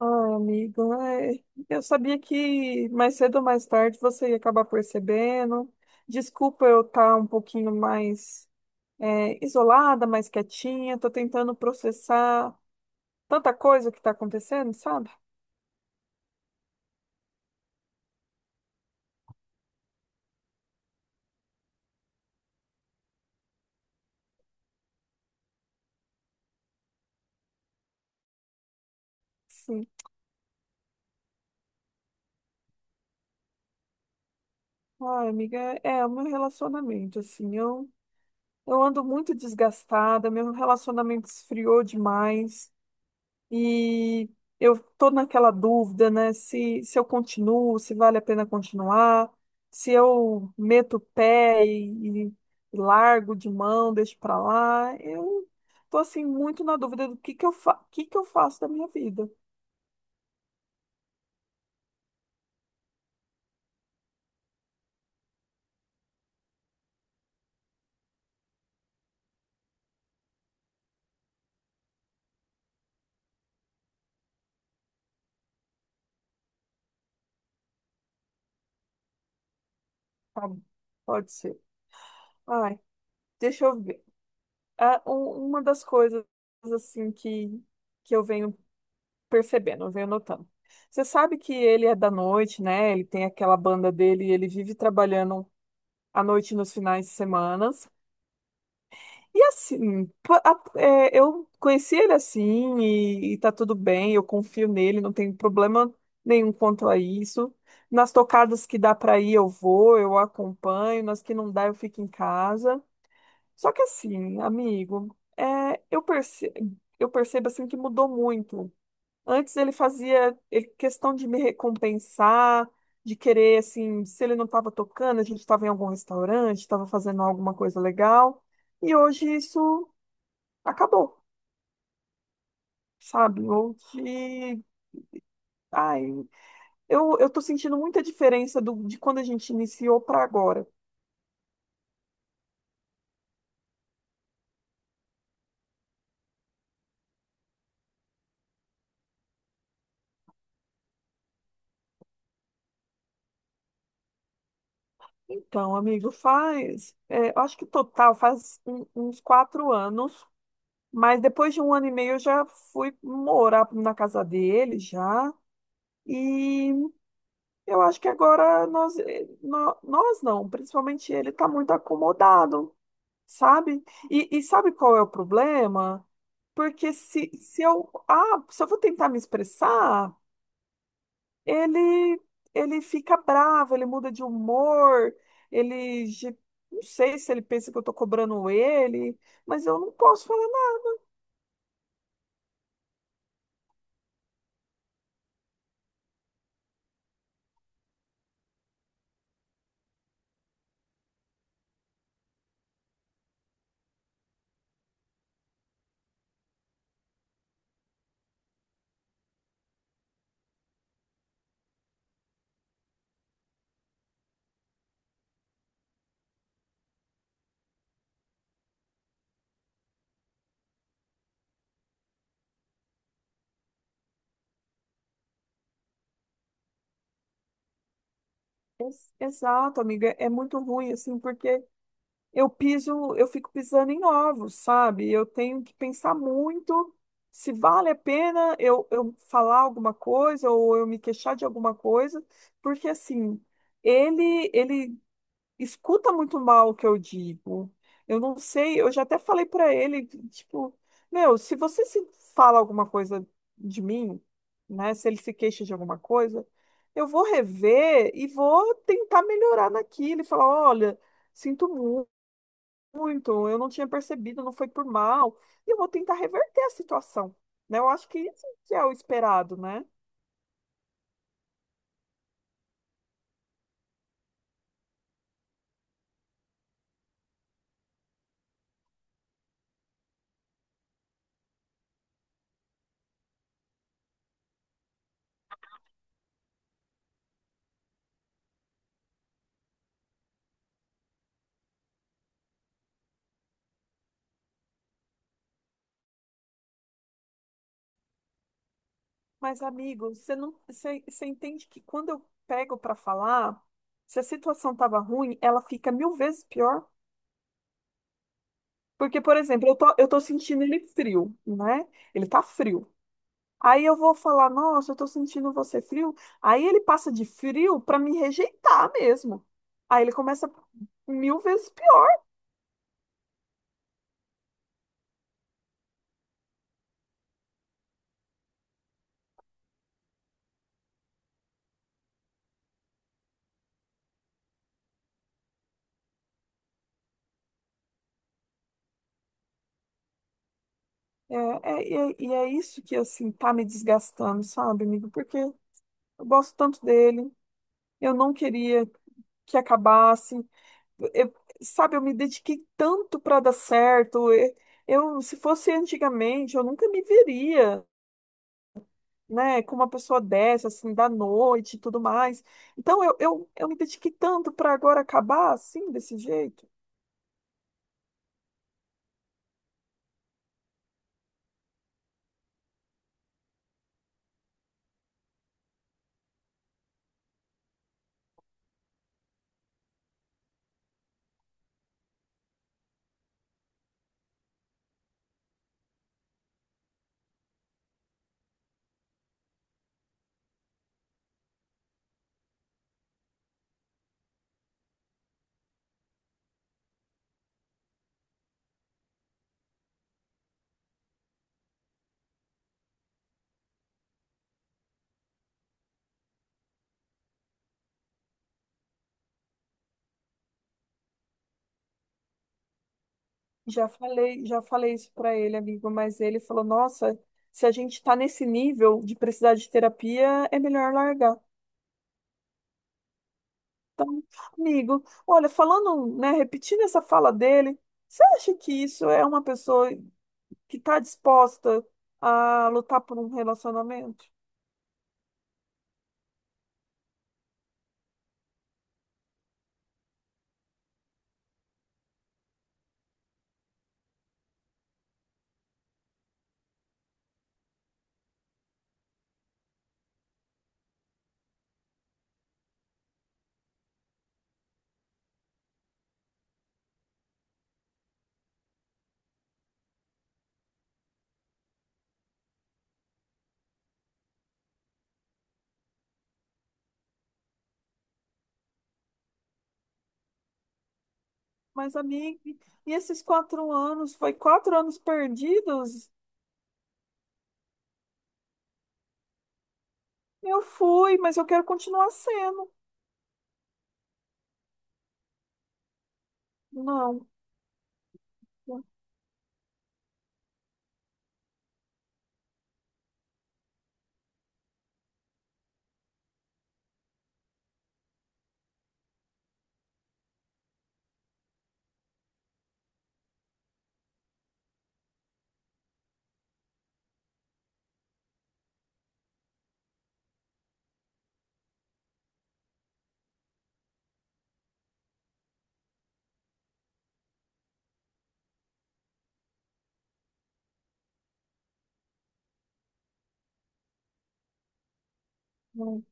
Ah, amigo, eu sabia que mais cedo ou mais tarde você ia acabar percebendo. Desculpa eu estar um pouquinho mais isolada, mais quietinha. Tô tentando processar tanta coisa que está acontecendo, sabe? Sim. Ai, amiga, é o meu relacionamento, assim. Eu ando muito desgastada, meu relacionamento esfriou demais. E eu estou naquela dúvida, né? Se eu continuo, se vale a pena continuar, se eu meto o pé e largo de mão, deixo para lá. Eu estou assim muito na dúvida do que eu fa que eu faço da minha vida. Tá bom, pode ser. Ai, deixa eu ver. Ah, uma das coisas assim que eu venho percebendo, eu venho notando. Você sabe que ele é da noite, né? Ele tem aquela banda dele e ele vive trabalhando à noite nos finais de semanas. E assim, eu conheci ele assim e tá tudo bem, eu confio nele, não tenho problema nenhum quanto a isso. Nas tocadas que dá pra ir, eu vou, eu acompanho, nas que não dá, eu fico em casa. Só que assim, amigo, é, eu percebo assim que mudou muito. Antes ele questão de me recompensar, de querer, assim, se ele não estava tocando, a gente estava em algum restaurante, estava fazendo alguma coisa legal. E hoje isso acabou, sabe? Hoje, ai, eu tô sentindo muita diferença do, de quando a gente iniciou para agora. Então, amigo, faz, é, eu acho que total faz uns 4 anos, mas depois de 1 ano e meio eu já fui morar na casa dele já. E eu acho que agora nós não, principalmente ele está muito acomodado, sabe? E sabe qual é o problema? Porque se eu, ah, se eu vou tentar me expressar, ele ele fica bravo, ele muda de humor, ele ge- não sei se ele pensa que eu estou cobrando ele, mas eu não posso falar nada. Exato, amiga, é muito ruim assim, porque eu piso, eu fico pisando em ovos, sabe? Eu tenho que pensar muito se vale a pena eu falar alguma coisa ou eu me queixar de alguma coisa, porque assim, ele escuta muito mal o que eu digo. Eu não sei, eu já até falei pra ele, tipo, meu, se você se fala alguma coisa de mim, né? Se ele se queixa de alguma coisa, eu vou rever e vou tentar melhorar naquilo e falar, olha, sinto muito, eu não tinha percebido, não foi por mal. E eu vou tentar reverter a situação, né? Eu acho que isso que é o esperado, né? Mas, amigo, você não, você, você entende que quando eu pego para falar, se a situação tava ruim, ela fica mil vezes pior. Porque, por exemplo, eu tô sentindo ele frio, né? Ele tá frio. Aí eu vou falar, nossa, eu tô sentindo você frio. Aí ele passa de frio para me rejeitar mesmo. Aí ele começa mil vezes pior. E é isso que, assim, tá me desgastando, sabe, amigo? Porque eu gosto tanto dele, eu não queria que acabasse. Eu- sabe, eu me dediquei tanto para dar certo. Se fosse antigamente, eu nunca me veria, né, com uma pessoa dessa, assim, da noite e tudo mais. Então, eu me dediquei tanto para agora acabar, assim, desse jeito. Já falei isso para ele, amigo, mas ele falou: Nossa, se a gente tá nesse nível de precisar de terapia, é melhor largar. Então, amigo, olha, falando, né, repetindo essa fala dele, você acha que isso é uma pessoa que tá disposta a lutar por um relacionamento? Mas, amigo, e esses 4 anos, foi 4 anos perdidos? Eu fui, mas eu quero continuar sendo. Não, não, não.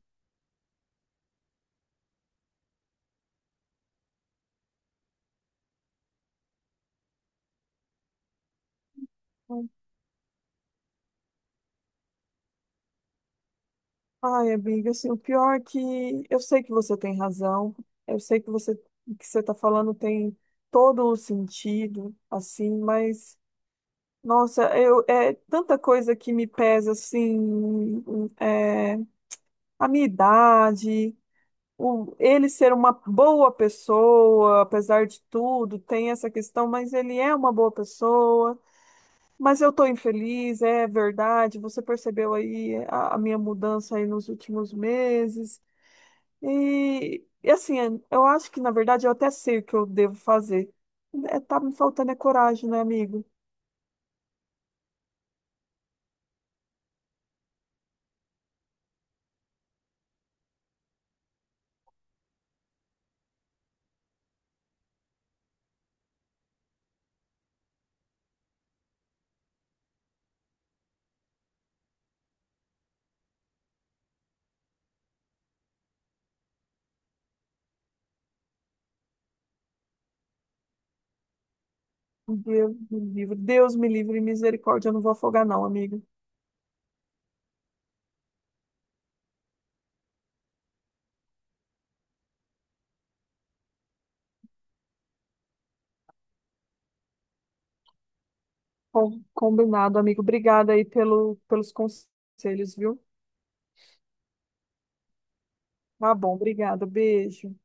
Ai, amiga, assim, o pior é que eu sei que você tem razão, eu sei que você está falando tem todo o sentido, assim, mas nossa, eu é tanta coisa que me pesa assim, é, a minha idade, o, ele ser uma boa pessoa, apesar de tudo, tem essa questão, mas ele é uma boa pessoa. Mas eu estou infeliz, é verdade. Você percebeu aí a minha mudança aí nos últimos meses. E assim, eu acho que na verdade eu até sei o que eu devo fazer. É, tá me faltando é coragem, né, amigo? Um Deus me livre, misericórdia, eu não vou afogar não, amigo. Combinado, amigo. Obrigada aí pelos conselhos, viu? Tá bom, obrigada. Beijo.